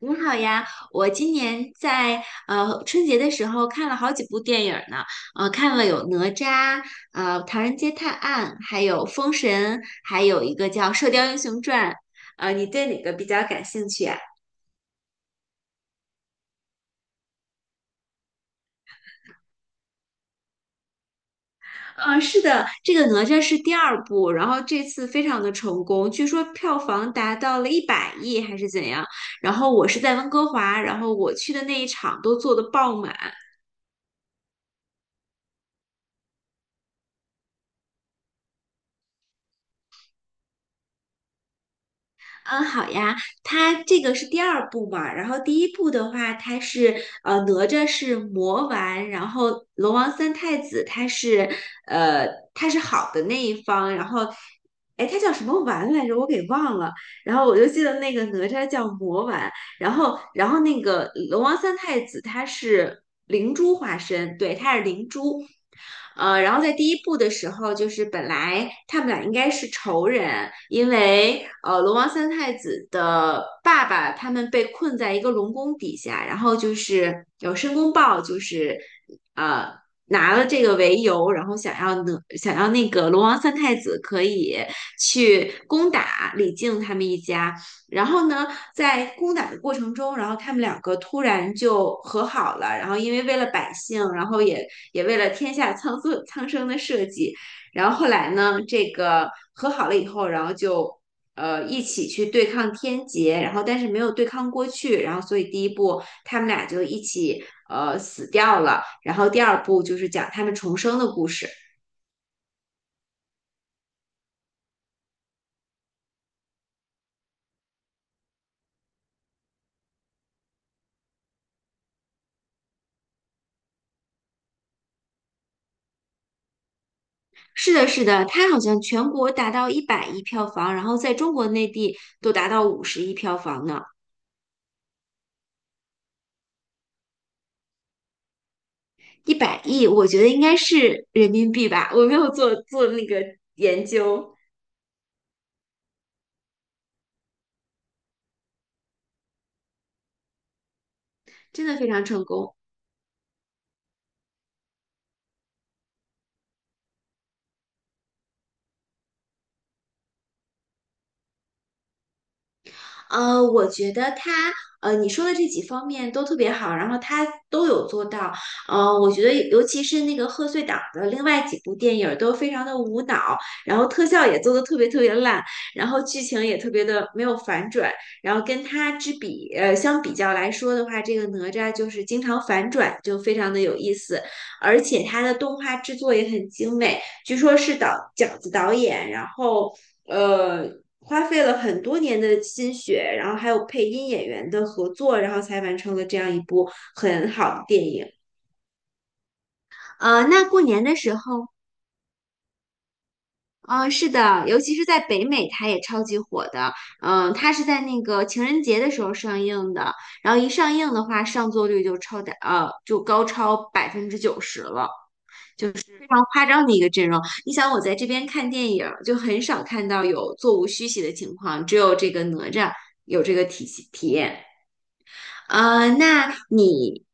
你好呀，我今年在春节的时候看了好几部电影儿呢，看了有哪吒，唐人街探案，还有封神，还有一个叫《射雕英雄传》。你对哪个比较感兴趣啊？是的，这个哪吒是第二部，然后这次非常的成功，据说票房达到了一百亿还是怎样。然后我是在温哥华，然后我去的那一场都坐的爆满。嗯，好呀，它这个是第二部嘛，然后第一部的话，它是哪吒是魔丸，然后龙王三太子他是呃他是好的那一方，然后哎他叫什么丸来着，我给忘了，然后我就记得那个哪吒叫魔丸，然后那个龙王三太子他是灵珠化身，对，他是灵珠，然后在第一部的时候，就是本来他们俩应该是仇人，因为龙王三太子的爸爸他们被困在一个龙宫底下，然后就是有申公豹，就是呃拿了这个为由，然后想要那个龙王三太子可以去攻打李靖他们一家，然后呢，在攻打的过程中，然后他们两个突然就和好了。然后为了百姓，然后也为了天下苍生的社稷，然后后来呢，这个和好了以后，然后就一起去对抗天劫，然后但是没有对抗过去，然后所以第一部他们俩就一起死掉了。然后第二部就是讲他们重生的故事。是的，是的，它好像全国达到一百亿票房，然后在中国内地都达到50亿票房呢。一百亿，我觉得应该是人民币吧，我没有做那个研究，真的非常成功。我觉得你说的这几方面都特别好，然后他都有做到。我觉得尤其是那个贺岁档的另外几部电影儿都非常的无脑，然后特效也做的特别特别烂，然后剧情也特别的没有反转，然后跟他之比，呃，相比较来说的话，这个哪吒就是经常反转，就非常的有意思，而且它的动画制作也很精美。据说是饺子导演，然后呃花费了很多年的心血，然后还有配音演员的合作，然后才完成了这样一部很好的电影。那过年的时候。嗯，是的，尤其是在北美，它也超级火的。嗯，它是在那个情人节的时候上映的，然后一上映的话，上座率就高超90%了。就是非常夸张的一个阵容。你想，我在这边看电影儿就很少看到有座无虚席的情况，只有这个哪吒有这个体验。呃，那你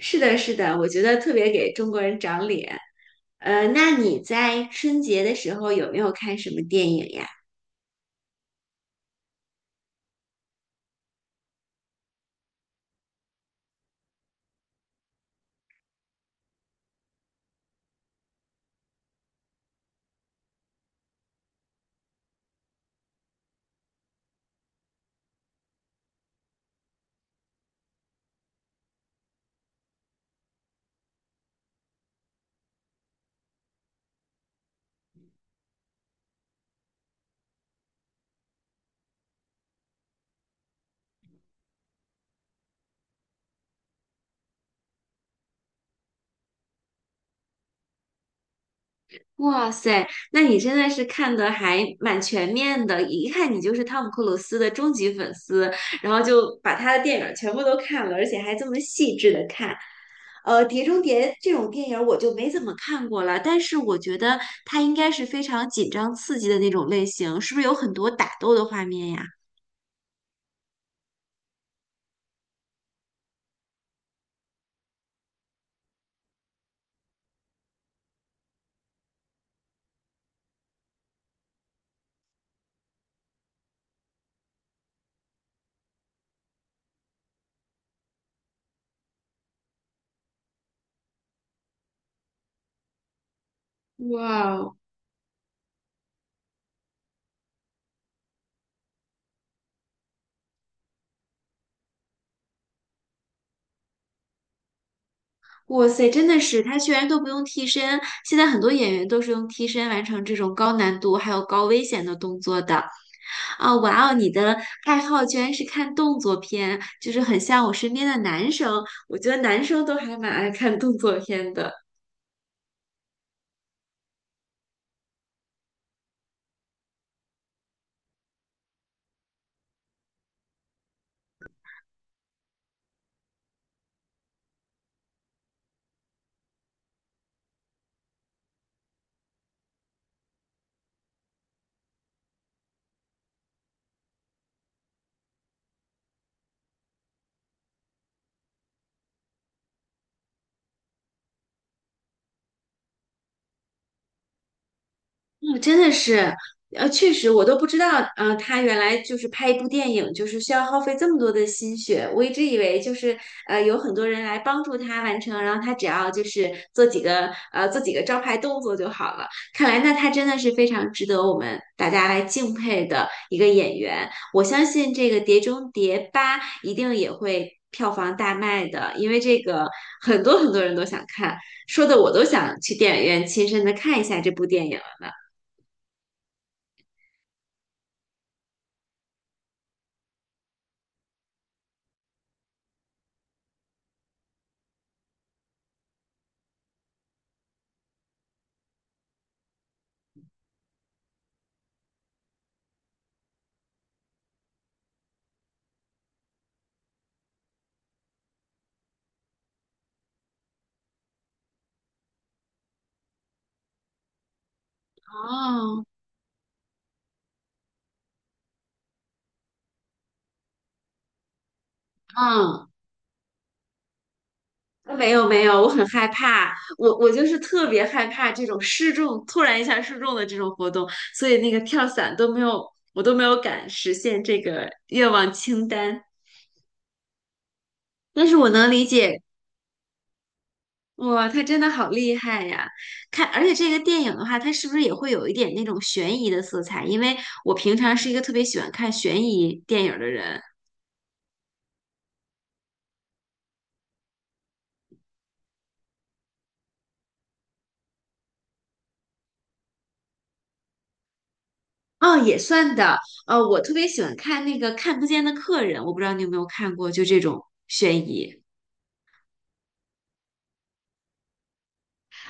是的，是的，我觉得特别给中国人长脸。那你在春节的时候有没有看什么电影呀？哇塞，那你真的是看的还蛮全面的，一看你就是汤姆克鲁斯的终极粉丝，然后就把他的电影儿全部都看了，而且还这么细致的看。《碟中谍》这种电影儿我就没怎么看过了，但是我觉得它应该是非常紧张刺激的那种类型，是不是有很多打斗的画面呀？哇哦！哇塞，真的是，他居然都不用替身，现在很多演员都是用替身完成这种高难度还有高危险的动作的。啊，哇哦！你的爱好居然是看动作片，就是很像我身边的男生。我觉得男生都还蛮爱看动作片的。嗯，真的是，确实，我都不知道，他原来就是拍一部电影，就是需要耗费这么多的心血。我一直以为就是，有很多人来帮助他完成，然后他只要就是做几个招牌动作就好了。看来那他真的是非常值得我们大家来敬佩的一个演员。我相信这个《碟中谍八》一定也会票房大卖的，因为这个很多很多人都想看，说的我都想去电影院亲身的看一下这部电影。哦，嗯，没有没有，我很害怕，我就是特别害怕这种失重，突然一下失重的这种活动，所以那个跳伞都没有，我都没有敢实现这个愿望清单。但是我能理解，哇，他真的好厉害呀！看，而且这个电影的话，它是不是也会有一点那种悬疑的色彩？因为我平常是一个特别喜欢看悬疑电影的人。哦，也算的。我特别喜欢看那个《看不见的客人》，我不知道你有没有看过，就这种悬疑。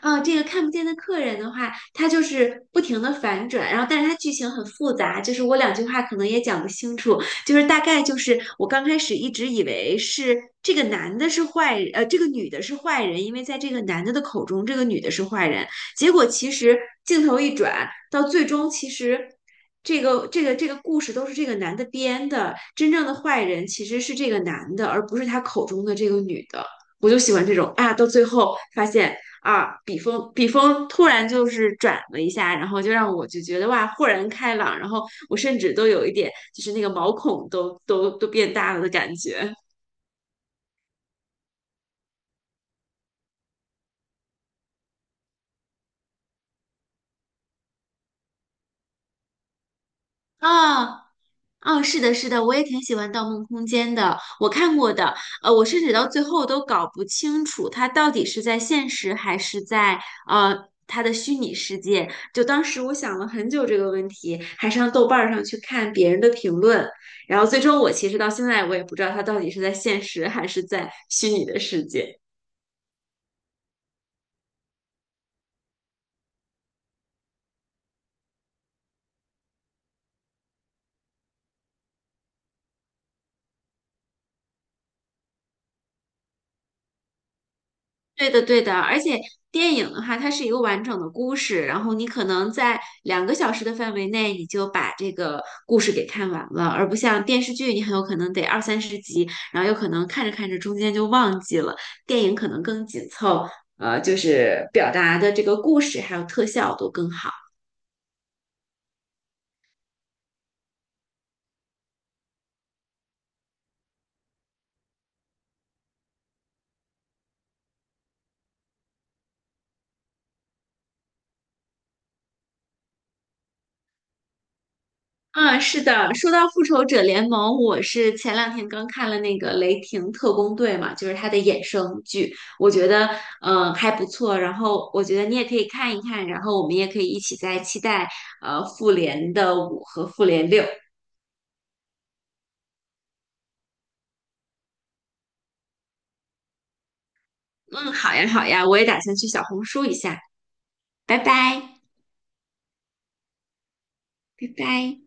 啊，这个看不见的客人的话，它就是不停的反转，然后但是它剧情很复杂，就是我两句话可能也讲不清楚，就是大概就是我刚开始一直以为是这个男的是坏人，这个女的是坏人，因为在这个男的的口中，这个女的是坏人，结果其实镜头一转，到最终其实。这个故事都是这个男的编的，真正的坏人其实是这个男的，而不是他口中的这个女的。我就喜欢这种啊，到最后发现啊，笔锋突然就是转了一下，然后就让我就觉得哇，豁然开朗，然后我甚至都有一点就是那个毛孔都变大了的感觉。啊，哦，是的，是的，我也挺喜欢《盗梦空间》的，我看过的，我甚至到最后都搞不清楚它到底是在现实还是在呃它的虚拟世界。就当时我想了很久这个问题，还上豆瓣儿上去看别人的评论，然后最终我其实到现在我也不知道它到底是在现实还是在虚拟的世界。对的，对的，而且电影的话，它是一个完整的故事，然后你可能在2个小时的范围内，你就把这个故事给看完了，而不像电视剧，你很有可能得二三十集，然后有可能看着看着中间就忘记了。电影可能更紧凑，就是表达的这个故事还有特效都更好。啊，是的，说到复仇者联盟，我是前两天刚看了那个《雷霆特工队》嘛，就是它的衍生剧，我觉得还不错。然后我觉得你也可以看一看，然后我们也可以一起再期待复联的五和复联六。嗯，好呀好呀，我也打算去小红书一下，拜拜拜拜。